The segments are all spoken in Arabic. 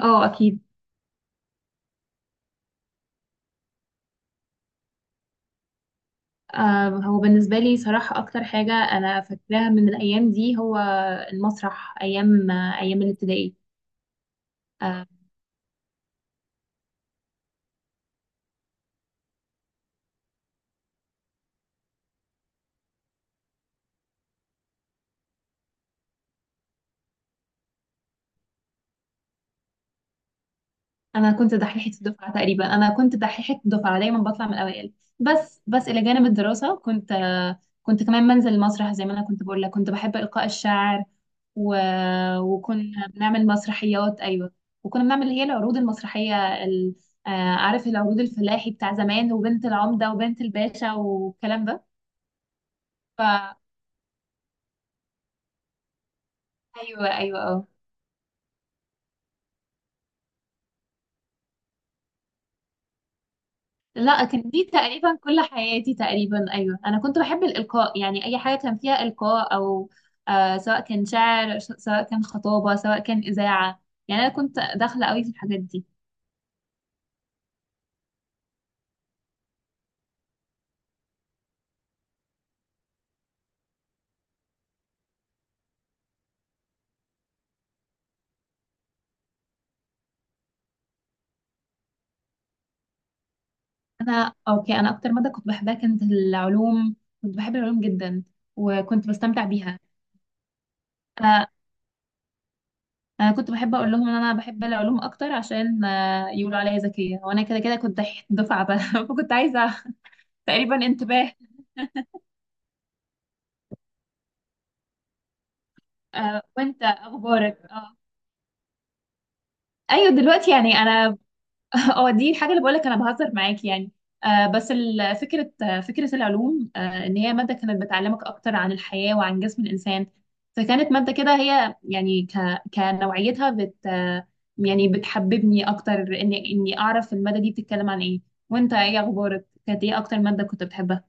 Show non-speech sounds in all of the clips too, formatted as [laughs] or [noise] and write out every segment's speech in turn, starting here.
اه اكيد. هو بالنسبه لي صراحه اكتر حاجه انا فاكراها من الايام دي، هو المسرح، ايام الابتدائي. آه انا كنت دحيحه الدفعه تقريبا، انا كنت دحيحه الدفعه دايما بطلع من الاوائل. بس الى جانب الدراسه، كنت كمان بنزل المسرح زي ما انا كنت بقول لك، كنت بحب القاء الشعر. و... وكنا بنعمل مسرحيات. ايوه. وكنا بنعمل اللي هي العروض المسرحيه آه، عارف؟ العروض الفلاحي بتاع زمان، وبنت العمده وبنت الباشا والكلام ده. ف ايوه، ايوه، اه. لا، كان دي تقريبا كل حياتي تقريبا. ايوه، انا كنت بحب الالقاء، يعني اي حاجه كان فيها القاء او سواء كان شعر، سواء كان خطابه، سواء كان اذاعه. يعني انا كنت داخله قوي في الحاجات دي. انا، اوكي، انا اكتر ماده كنت بحبها كانت العلوم. كنت بحب العلوم جدا، وكنت بستمتع بيها. آه انا كنت بحب اقول لهم ان انا بحب العلوم اكتر عشان يقولوا عليا ذكيه، وانا كده كده كنت دفعه بقى. [laughs] فكنت عايزه تقريبا انتباه. وانت اخبارك؟ اه، ايوه دلوقتي، يعني انا [laughs] اه، دي الحاجه اللي بقولك انا بهزر معاك، يعني. بس فكره العلوم، ان هي ماده كانت بتعلمك اكتر عن الحياه وعن جسم الانسان. فكانت ماده كده، هي يعني كنوعيتها بت آه، يعني بتحببني اكتر اني اعرف الماده دي بتتكلم عن ايه. وانت، ايه اخبارك؟ كانت ايه اكتر ماده كنت بتحبها؟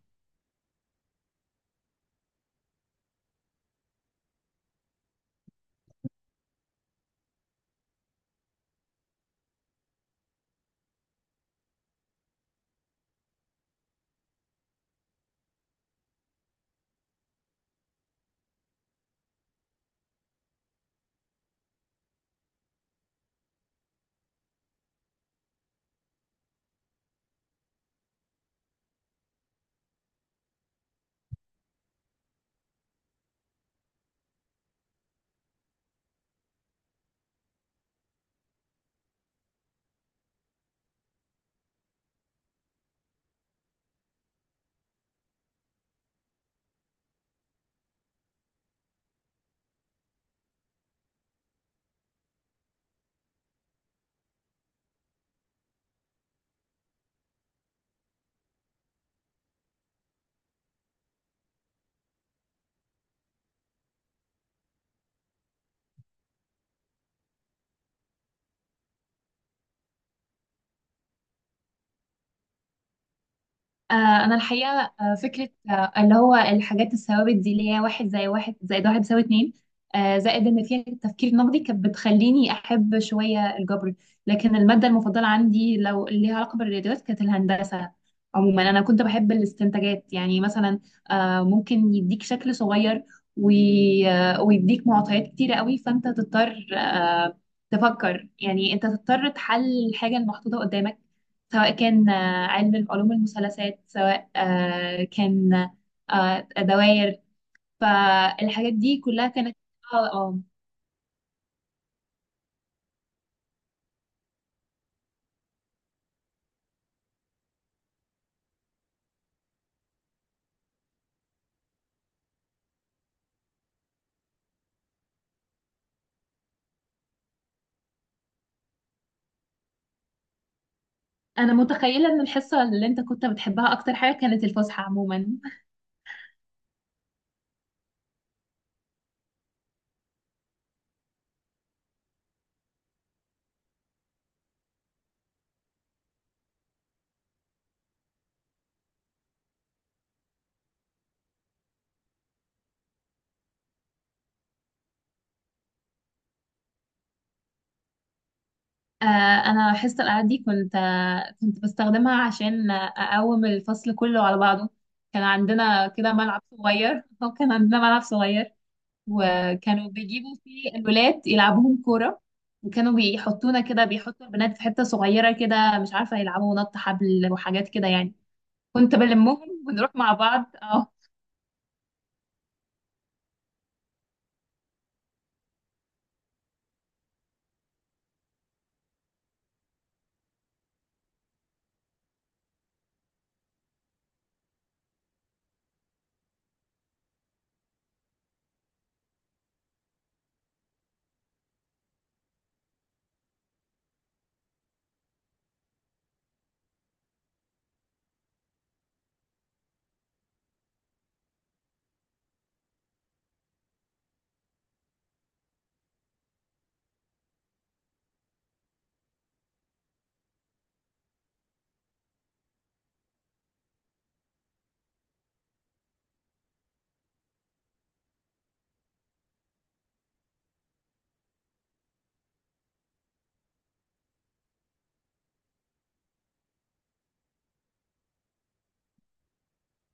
انا الحقيقه، فكره، اللي هو الحاجات الثوابت دي، اللي هي واحد، زي واحد زائد واحد بيساوي اتنين، زائد ان فيها التفكير النقدي، كانت بتخليني احب شويه الجبر. لكن الماده المفضله عندي، لو اللي ليها علاقه بالرياضيات، كانت الهندسه. عموما انا كنت بحب الاستنتاجات. يعني مثلا، ممكن يديك شكل صغير، ويديك معطيات كتيره قوي، فانت تضطر، تفكر، يعني انت تضطر تحل الحاجه المحطوطه قدامك، سواء كان علم من علوم المثلثات، سواء كان دوائر. فالحاجات دي كلها كانت اه آه. انا متخيله ان الحصه اللي انت كنت بتحبها اكتر حاجه كانت الفسحه عموما. آه، انا حصه الالعاب دي كنت بستخدمها عشان اقوم الفصل كله على بعضه. كان عندنا كده ملعب صغير. [laughs] او كان عندنا ملعب صغير، وكانوا بيجيبوا فيه الولاد يلعبوهم كورة. وكانوا بيحطونا كده، بيحطوا البنات في حتة صغيرة كده، مش عارفة، يلعبوا نط حبل وحاجات كده يعني. كنت بلمهم ونروح مع بعض. اه.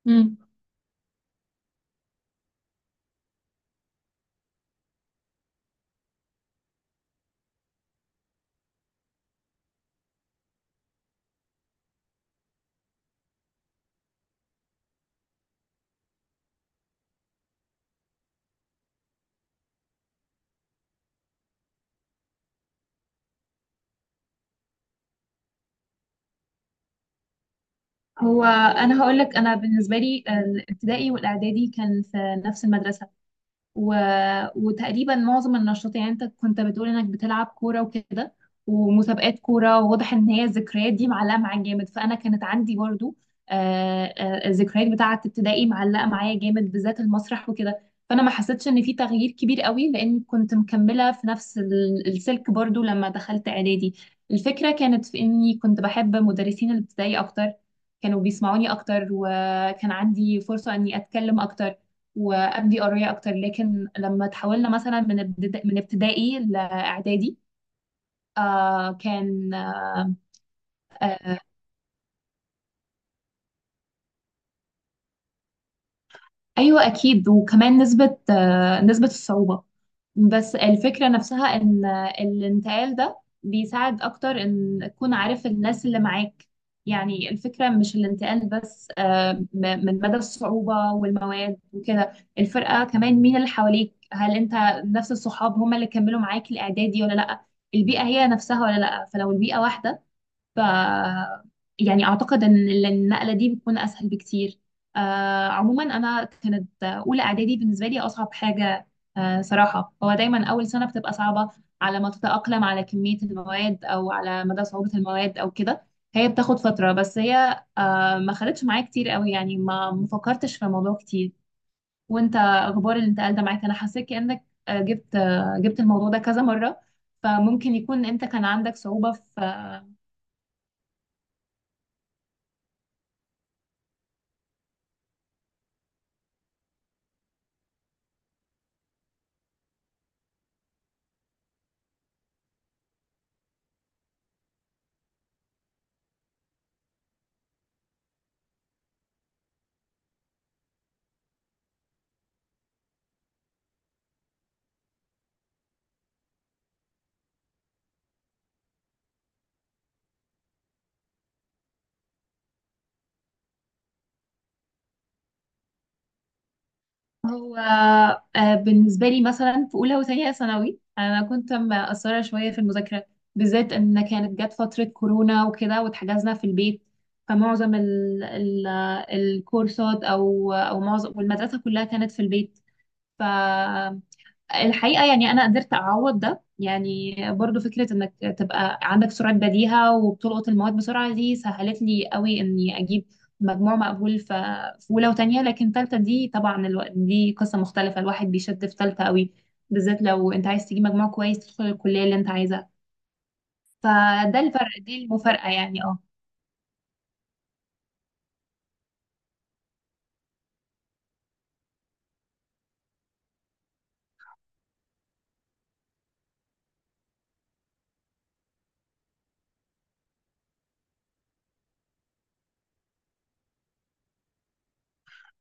امم هو انا هقول لك، انا بالنسبة لي الابتدائي والاعدادي كان في نفس المدرسة، و... وتقريبا معظم النشاط، يعني انت كنت بتقول انك بتلعب كورة وكده، ومسابقات كورة، وواضح ان هي الذكريات دي معلقة معاك جامد. فانا كانت عندي برضو الذكريات بتاعة ابتدائي معلقة معايا جامد، بالذات المسرح وكده. فانا ما حسيتش ان في تغيير كبير قوي، لان كنت مكملة في نفس السلك برضو لما دخلت اعدادي. الفكرة كانت في اني كنت بحب مدرسين الابتدائي اكتر، كانوا بيسمعوني اكتر، وكان عندي فرصة اني اتكلم اكتر وابدي قريه اكتر. لكن لما تحولنا مثلا من من ابتدائي لاعدادي، آه كان آه آه ايوه اكيد. وكمان نسبه الصعوبه. بس الفكرة نفسها ان الانتقال ده بيساعد اكتر ان تكون عارف الناس اللي معاك. يعني الفكرة مش الانتقال بس، من مدى الصعوبة والمواد وكده، الفرقة كمان، مين اللي حواليك. هل انت نفس الصحاب هم اللي كملوا معاك الاعدادي ولا لا؟ البيئة هي نفسها ولا لا؟ فلو البيئة واحدة، ف يعني اعتقد ان النقله دي بتكون اسهل بكتير. عموما انا كانت اولى اعدادي بالنسبه لي اصعب حاجه. صراحه، هو دايما اول سنه بتبقى صعبه على ما تتاقلم على كميه المواد او على مدى صعوبه المواد او كده. هي بتاخد فتره، بس هي ما خدتش معايا كتير قوي، يعني ما فكرتش في الموضوع كتير. وانت، اخبار الانتقال ده معاك؟ انا حسيت كانك جبت الموضوع ده كذا مره، فممكن يكون انت كان عندك صعوبه في. هو بالنسبة لي مثلا في أولى وثانية ثانوي، أنا كنت مقصرة شوية في المذاكرة، بالذات إن كانت جت فترة كورونا وكده واتحجزنا في البيت. فمعظم ال ال الكورسات أو معظم والمدرسة كلها كانت في البيت. الحقيقة يعني أنا قدرت أعوض ده، يعني برضو فكرة إنك تبقى عندك سرعة بديهة وبتلقط المواد بسرعة، دي سهلت لي قوي إني أجيب مجموع مقبول في أولى وتانية. لكن تالتة دي طبعا دي قصة مختلفة. الواحد بيشد في تالتة قوي، بالذات لو أنت عايز تجيب مجموع كويس تدخل الكلية اللي أنت عايزها. فده الفرق، دي المفارقة، يعني اه.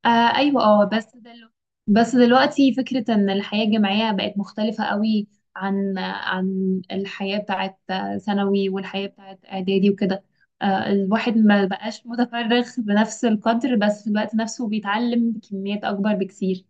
آه ايوه. اه، بس دلوقتي فكرة ان الحياة الجامعية بقت مختلفة قوي عن الحياة بتاعت ثانوي والحياة بتاعت اعدادي وكده. الواحد ما بقاش متفرغ بنفس القدر، بس في الوقت نفسه بيتعلم كميات اكبر بكتير.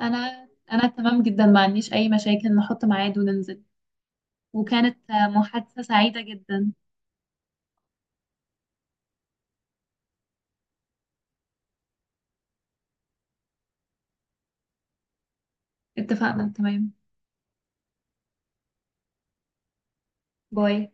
انا تمام جدا، ما عنديش اي مشاكل. نحط ميعاد وننزل. وكانت محادثة سعيدة جدا. اتفقنا، تمام. باي.